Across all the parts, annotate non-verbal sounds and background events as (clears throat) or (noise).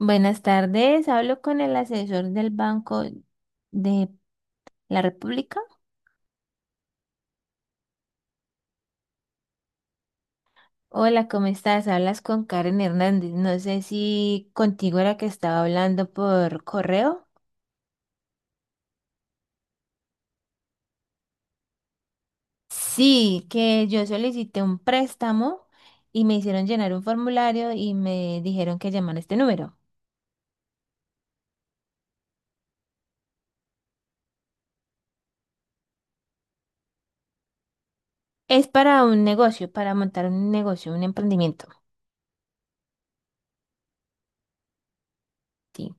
Buenas tardes, hablo con el asesor del Banco de la República. Hola, ¿cómo estás? Hablas con Karen Hernández. No sé si contigo era que estaba hablando por correo. Sí, que yo solicité un préstamo y me hicieron llenar un formulario y me dijeron que llamara a este número. Es para un negocio, para montar un negocio, un emprendimiento. Sí.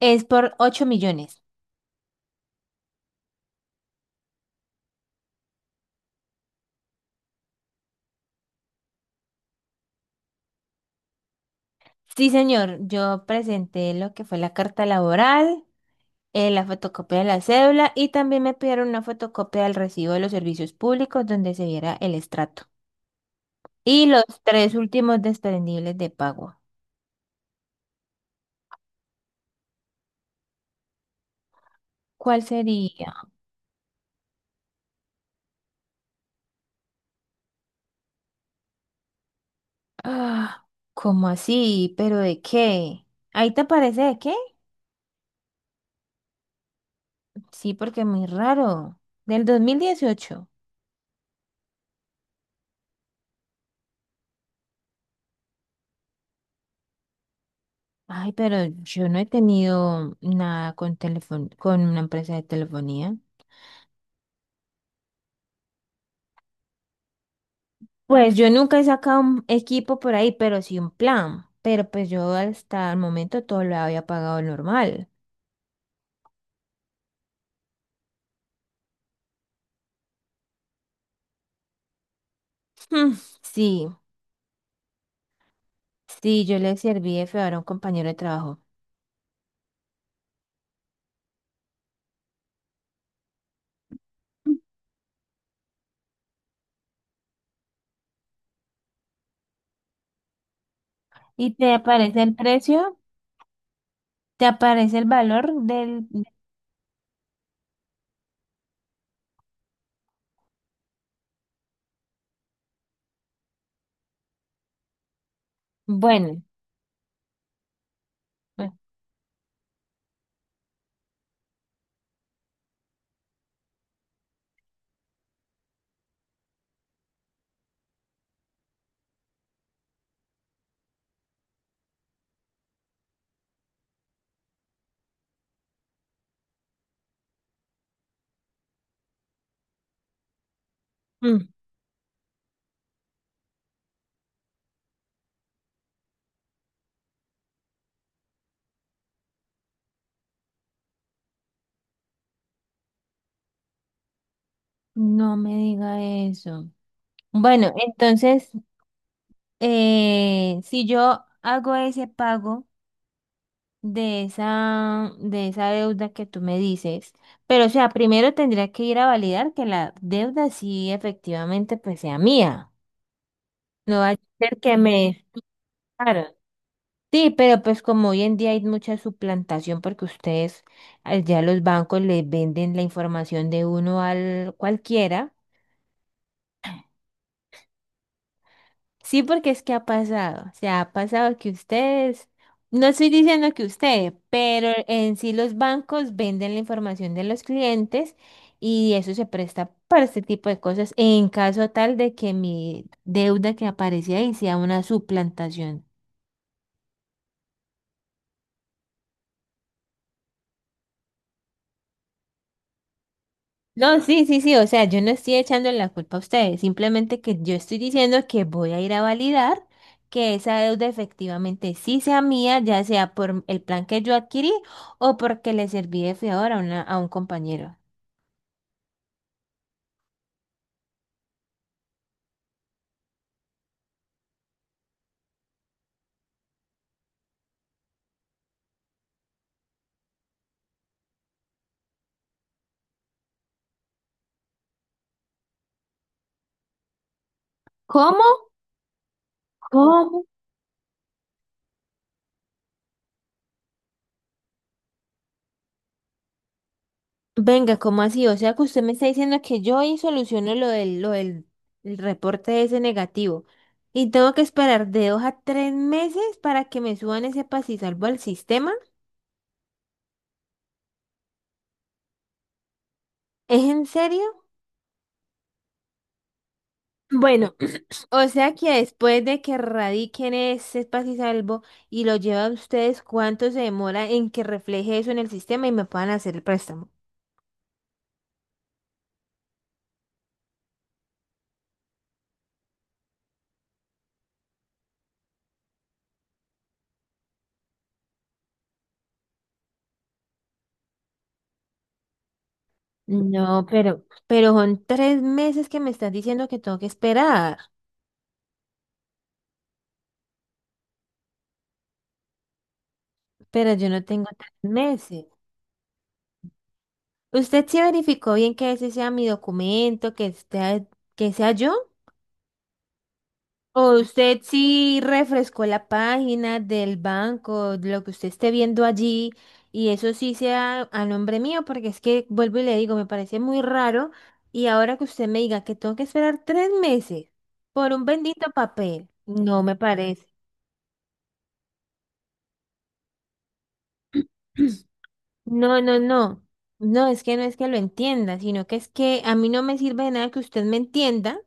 Es por 8 millones. Sí, señor, yo presenté lo que fue la carta laboral, la fotocopia de la cédula y también me pidieron una fotocopia del recibo de los servicios públicos donde se viera el estrato. Y los tres últimos desprendibles de pago. ¿Cuál sería? Ah, ¿cómo así? ¿Pero de qué? ¿Ahí te aparece de qué? Sí, porque es muy raro. Del 2018. Ay, pero yo no he tenido nada con teléfono, con una empresa de telefonía. Pues yo nunca he sacado un equipo por ahí, pero sí un plan. Pero pues yo hasta el momento todo lo había pagado normal. (laughs) Mm, Sí, sí, yo le serví de feo a un compañero de trabajo. ¿Y te aparece el precio? ¿Te aparece el valor del... Bueno, eh, mm, no me diga eso. Bueno, entonces, si yo hago ese pago... de esa deuda que tú me dices. Pero, o sea, primero tendría que ir a validar que la deuda sí efectivamente pues sea mía. No va a ser que me... Claro. Sí, pero pues como hoy en día hay mucha suplantación porque ustedes, ya los bancos les venden la información de uno al cualquiera. Sí, porque es que ha pasado, o sea, ha pasado que ustedes, no estoy diciendo que ustedes, pero en sí los bancos venden la información de los clientes y eso se presta para este tipo de cosas en caso tal de que mi deuda que aparece ahí sea una suplantación. No, sí, sí, sí, o sea, yo no estoy echando la culpa a ustedes, simplemente que yo estoy diciendo que voy a ir a validar que esa deuda efectivamente sí sea mía, ya sea por el plan que yo adquirí o porque le serví de fiador a una, a un compañero. ¿Cómo? ¿Cómo? Venga, ¿cómo así? O sea, que usted me está diciendo que yo ahí soluciono lo del el reporte ese negativo y tengo que esperar de dos a tres meses para que me suban ese paz y salvo al sistema. ¿Es en serio? Bueno. O sea que después de que radiquen ese espacio y salvo y lo llevan ustedes, ¿cuánto se demora en que refleje eso en el sistema y me puedan hacer el préstamo? No, pero son tres meses que me están diciendo que tengo que esperar, pero yo no tengo tres meses. ¿Usted sí verificó bien que ese sea mi documento, que sea yo? O usted sí refrescó la página del banco, lo que usted esté viendo allí, y eso sí sea a nombre mío, porque es que vuelvo y le digo, me parece muy raro, y ahora que usted me diga que tengo que esperar tres meses por un bendito papel, no me parece. No, no, no. No, es que no es que lo entienda, sino que es que a mí no me sirve de nada que usted me entienda,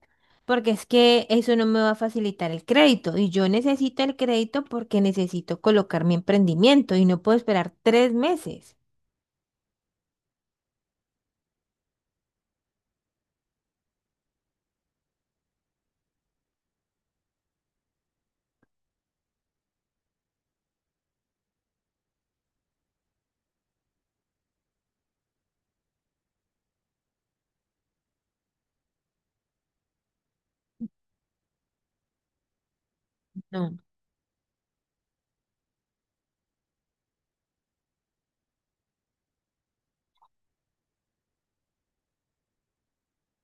porque es que eso no me va a facilitar el crédito. Y yo necesito el crédito porque necesito colocar mi emprendimiento y no puedo esperar tres meses. No.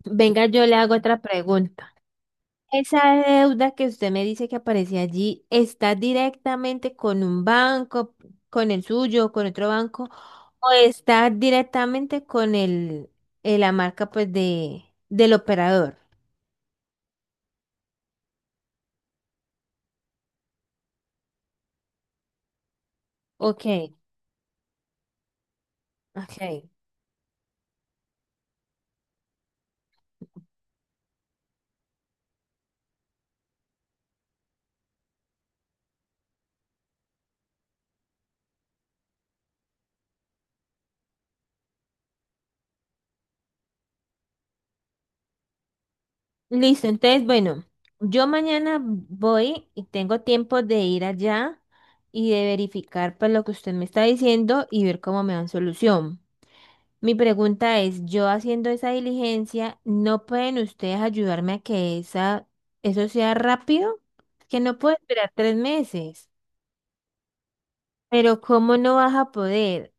Venga, yo le hago otra pregunta. Esa deuda que usted me dice que aparece allí, ¿está directamente con un banco, con el suyo, con otro banco, o está directamente con el, la marca pues de, del operador? Ok, ok. Listo, entonces, bueno, yo mañana voy y tengo tiempo de ir allá y de verificar pues lo que usted me está diciendo y ver cómo me dan solución. Mi pregunta es, yo haciendo esa diligencia, ¿no pueden ustedes ayudarme a que esa, eso sea rápido? Es que no puedo esperar tres meses. Pero ¿cómo no vas a poder?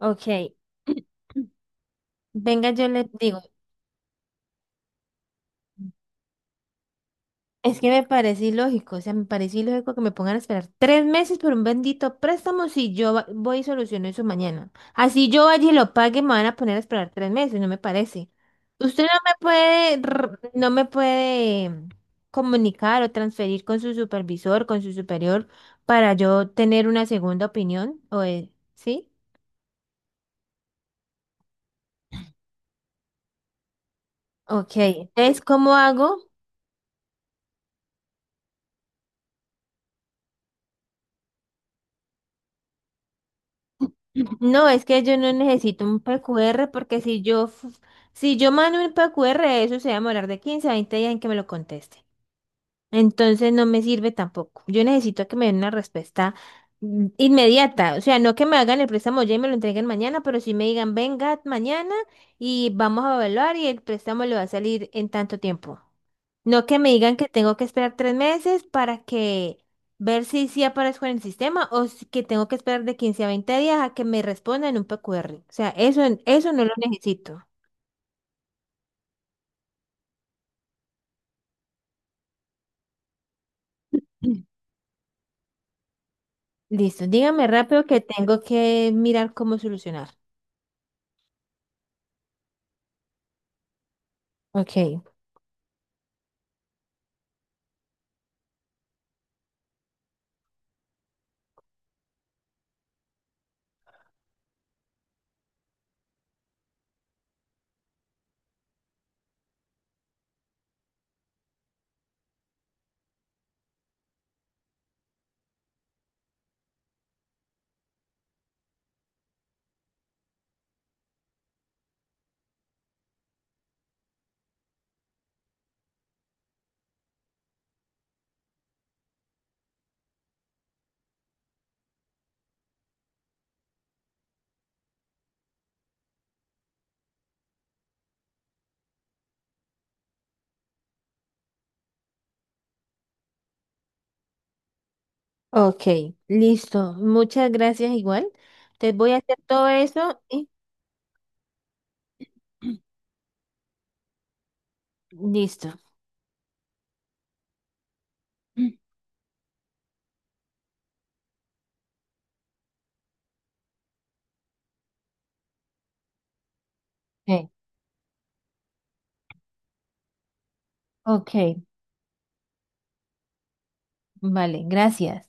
Ok. (clears throat) Venga, yo les digo. Es que me parece ilógico, o sea, me parece ilógico que me pongan a esperar tres meses por un bendito préstamo si yo voy y soluciono eso mañana. Así yo vaya y lo pague, me van a poner a esperar tres meses, no me parece. Usted no me puede comunicar o transferir con su supervisor, con su superior, para yo tener una segunda opinión, o, ¿sí? Ok, entonces, ¿cómo hago? No, es que yo no necesito un PQR porque si yo mando un PQR, eso se va a demorar de 15 a 20 días en que me lo conteste. Entonces no me sirve tampoco. Yo necesito que me den una respuesta inmediata. O sea, no que me hagan el préstamo ya y me lo entreguen mañana, pero sí me digan, venga mañana y vamos a evaluar y el préstamo le va a salir en tanto tiempo. No que me digan que tengo que esperar tres meses para que ver si sí aparezco en el sistema o si- que tengo que esperar de 15 a 20 días a que me respondan un PQR. O sea, eso no lo necesito. (clears throat) Listo, dígame rápido que tengo que mirar cómo solucionar. Ok. Ok, listo. Muchas gracias igual. Te voy a hacer todo eso y (clears throat) listo. (clears throat) Ok, ok, vale, gracias.